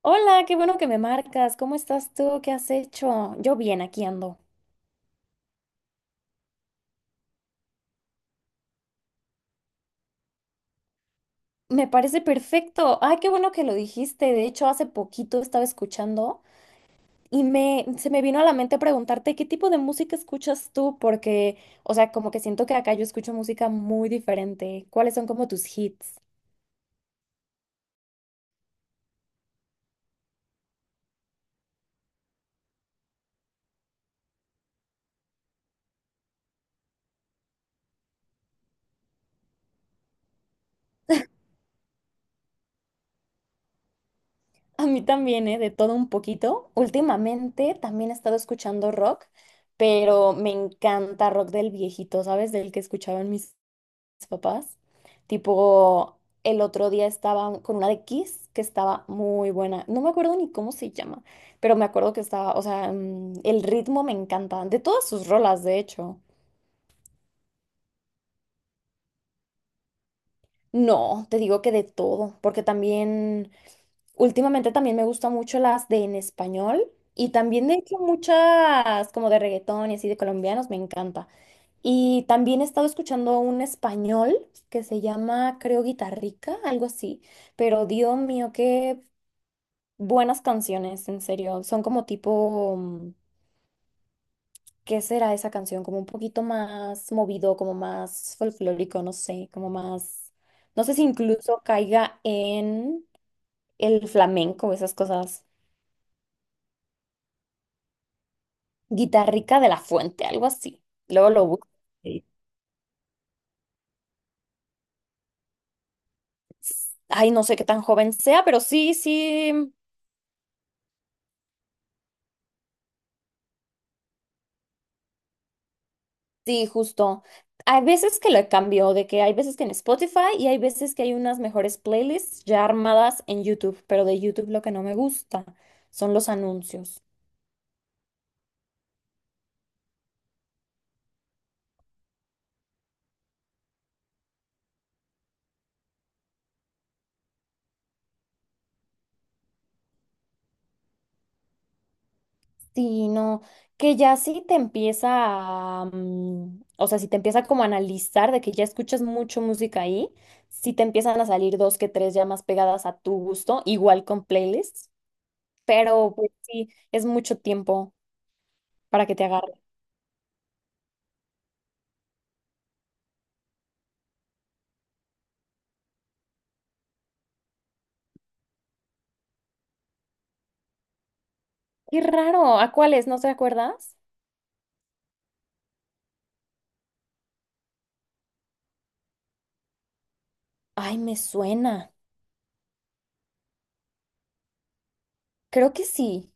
Hola, qué bueno que me marcas. ¿Cómo estás tú? ¿Qué has hecho? Yo bien, aquí ando. Me parece perfecto. Ay, qué bueno que lo dijiste. De hecho, hace poquito estaba escuchando y me se me vino a la mente preguntarte qué tipo de música escuchas tú, porque, o sea, como que siento que acá yo escucho música muy diferente. ¿Cuáles son como tus hits? A mí también, ¿eh? De todo un poquito. Últimamente también he estado escuchando rock, pero me encanta rock del viejito, ¿sabes? Del que escuchaba en mis papás. Tipo, el otro día estaba con una de Kiss que estaba muy buena. No me acuerdo ni cómo se llama, pero me acuerdo que estaba, o sea, el ritmo me encanta. De todas sus rolas, de hecho. No, te digo que de todo, porque también, últimamente también me gustan mucho las de en español y también de hecho muchas como de reggaetón y así de colombianos, me encanta. Y también he estado escuchando un español que se llama, creo, Guitarrica, algo así. Pero Dios mío, qué buenas canciones, en serio. Son como tipo, ¿qué será esa canción? Como un poquito más movido, como más folclórico, no sé, como más... No sé si incluso caiga en el flamenco, esas cosas. Guitarrica de la Fuente, algo así. Luego lo busco. Sí. Ay, no sé qué tan joven sea, pero sí, sí. Sí, justo. Hay veces que lo cambio, de que hay veces que en Spotify y hay veces que hay unas mejores playlists ya armadas en YouTube, pero de YouTube lo que no me gusta son los anuncios. Sí, no, que ya sí te empieza a, o sea, si te empieza como a analizar de que ya escuchas mucho música ahí, sí te empiezan a salir dos que tres ya más pegadas a tu gusto, igual con playlists, pero pues sí, es mucho tiempo para que te agarre. Qué raro, ¿a cuáles? ¿No te acuerdas? Ay, me suena. Creo que sí.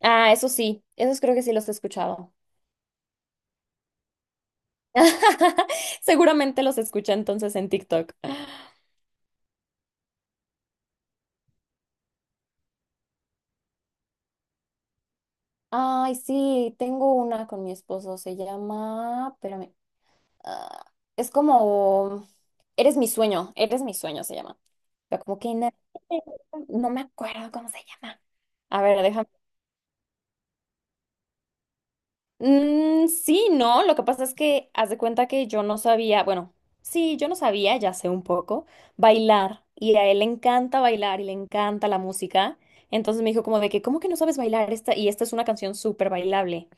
Ah, eso sí, esos creo que sí los he escuchado. Seguramente los escuché entonces en TikTok. Ay, sí, tengo una con mi esposo, se llama, espérame, ah, es como, eres mi sueño se llama. Pero como que no me acuerdo cómo se llama. A ver, déjame. Sí, no, lo que pasa es que haz de cuenta que yo no sabía, bueno, sí, yo no sabía, ya sé un poco, bailar. Y a él le encanta bailar y le encanta la música. Entonces me dijo como de que, ¿cómo que no sabes bailar esta? Y esta es una canción súper bailable.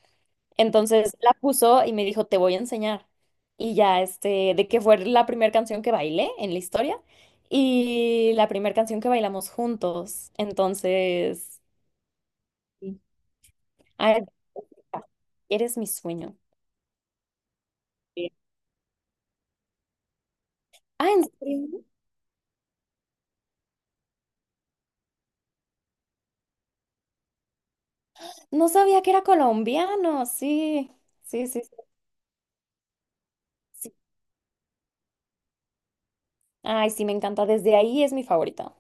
Entonces la puso y me dijo, te voy a enseñar. Y ya, de que fue la primera canción que bailé en la historia y la primera canción que bailamos juntos. Entonces, sí, ay, eres mi sueño. Ah, ¿en serio? No sabía que era colombiano. Sí, sí, sí, sí, sí. Ay, sí, me encanta. Desde ahí es mi favorita.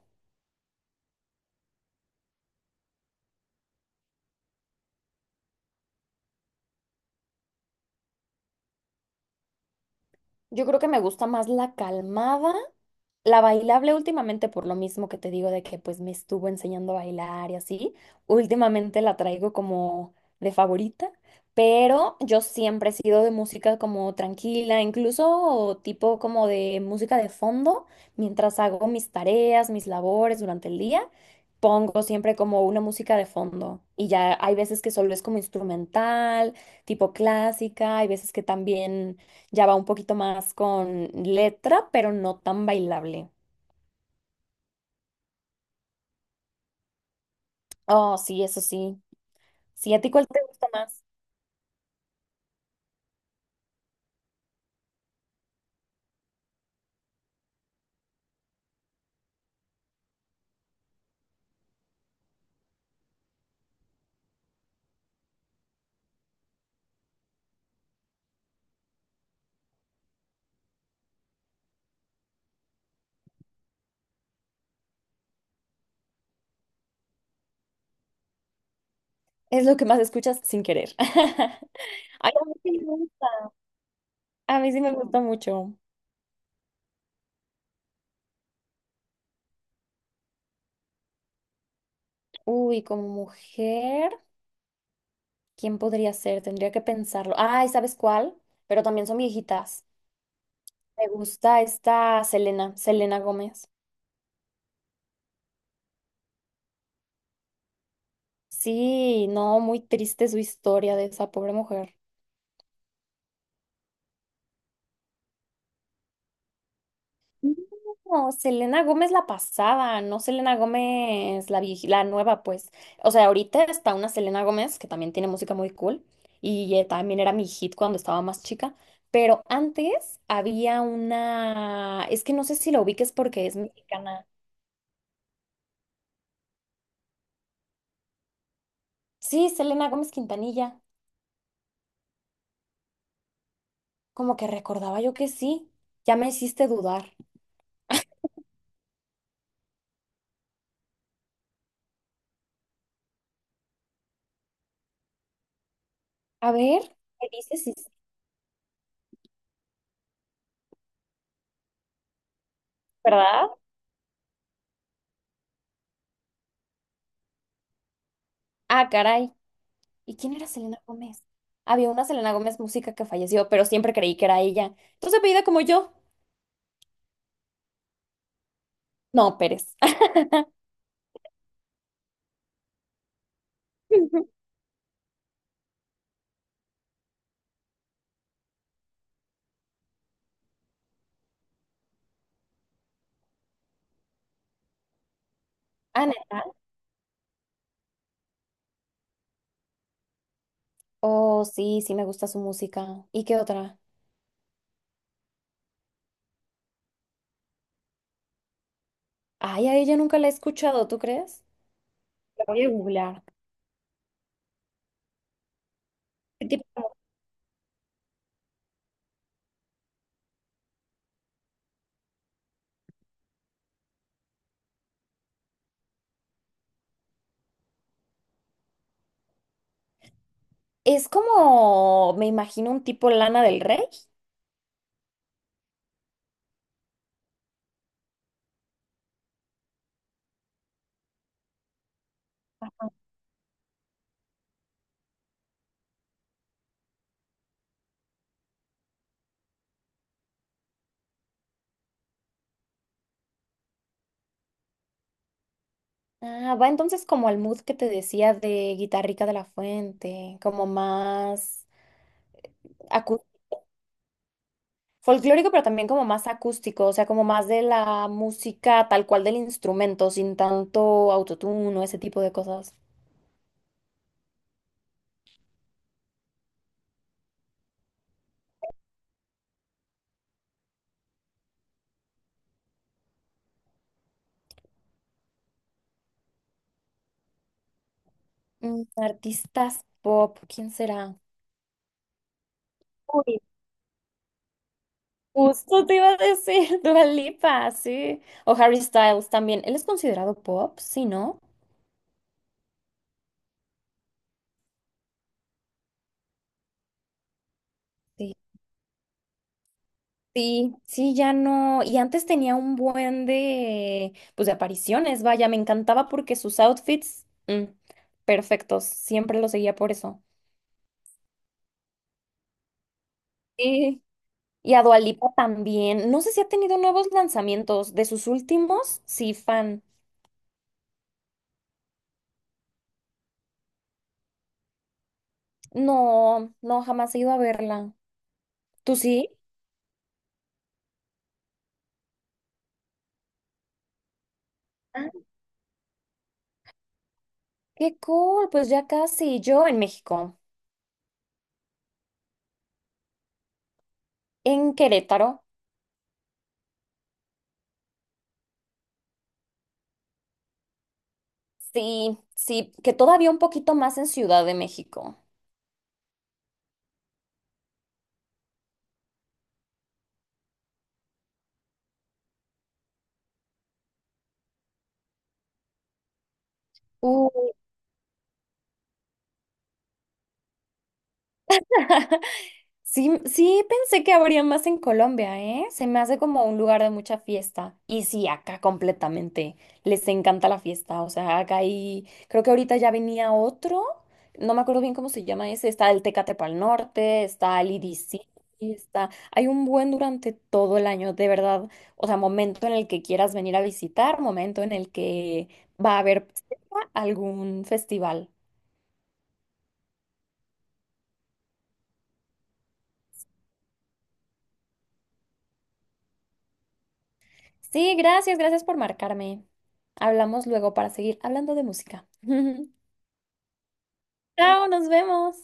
Yo creo que me gusta más la calmada. La bailable últimamente, por lo mismo que te digo de que pues me estuvo enseñando a bailar y así, últimamente la traigo como de favorita, pero yo siempre he sido de música como tranquila, incluso tipo como de música de fondo, mientras hago mis tareas, mis labores durante el día, pongo siempre como una música de fondo y ya hay veces que solo es como instrumental, tipo clásica, hay veces que también ya va un poquito más con letra, pero no tan bailable. Oh, sí, eso sí. Sí, ¿a ti cuál te gusta más? Es lo que más escuchas sin querer. Ay, a mí sí me gusta. A mí sí me gusta mucho. Uy, como mujer, ¿quién podría ser? Tendría que pensarlo. Ay, ¿sabes cuál? Pero también son viejitas. Me gusta esta Selena, Selena Gómez. Sí, no, muy triste su historia de esa pobre mujer. No, Selena Gómez la pasada, no Selena Gómez la la nueva, pues. O sea, ahorita está una Selena Gómez que también tiene música muy cool y también era mi hit cuando estaba más chica, pero antes había una, es que no sé si la ubiques porque es mexicana. Sí, Selena Gómez Quintanilla, como que recordaba yo que sí, ya me hiciste dudar. A ver, ¿qué dices? Sí, sí. ¿Verdad? Ah, caray. ¿Y quién era Selena Gómez? Había una Selena Gómez música que falleció, pero siempre creí que era ella. Entonces, apellida como yo. No, Pérez. Ah, ¿neta? Oh, sí, sí me gusta su música. ¿Y qué otra? Ay, a ella nunca la he escuchado, ¿tú crees? La voy a googlear. ¿Qué tipo? Es como, me imagino, un tipo Lana del Rey. Ah, va entonces como al mood que te decía de Guitarrica de la Fuente, como más acústico. Folclórico, pero también como más acústico, o sea, como más de la música tal cual del instrumento, sin tanto autotune o ese tipo de cosas. Artistas pop, ¿quién será? Uy, justo te iba a decir, Dua Lipa, sí. O Harry Styles también. Él es considerado pop, sí, ¿no? Sí. Sí, sí, ya no. Y antes tenía un buen de, pues, de apariciones, vaya, me encantaba porque sus outfits, perfectos, siempre lo seguía por eso. Sí. Y a Dua Lipa también. No sé si ha tenido nuevos lanzamientos. De sus últimos, sí, fan. No, no, jamás he ido a verla. ¿Tú sí? Ah, qué cool, pues ya casi. Yo en México, en Querétaro. Sí, sí, que todavía un poquito más en Ciudad de México. Sí, sí pensé que habría más en Colombia, ¿eh? Se me hace como un lugar de mucha fiesta. Y sí, acá completamente. Les encanta la fiesta. O sea, acá hay, creo que ahorita ya venía otro. No me acuerdo bien cómo se llama ese. Está el Tecate Pal Norte, está el IDC, está. Hay un buen durante todo el año, de verdad. O sea, momento en el que quieras venir a visitar, momento en el que va a haber algún festival. Sí, gracias, gracias por marcarme. Hablamos luego para seguir hablando de música. Chao, nos vemos.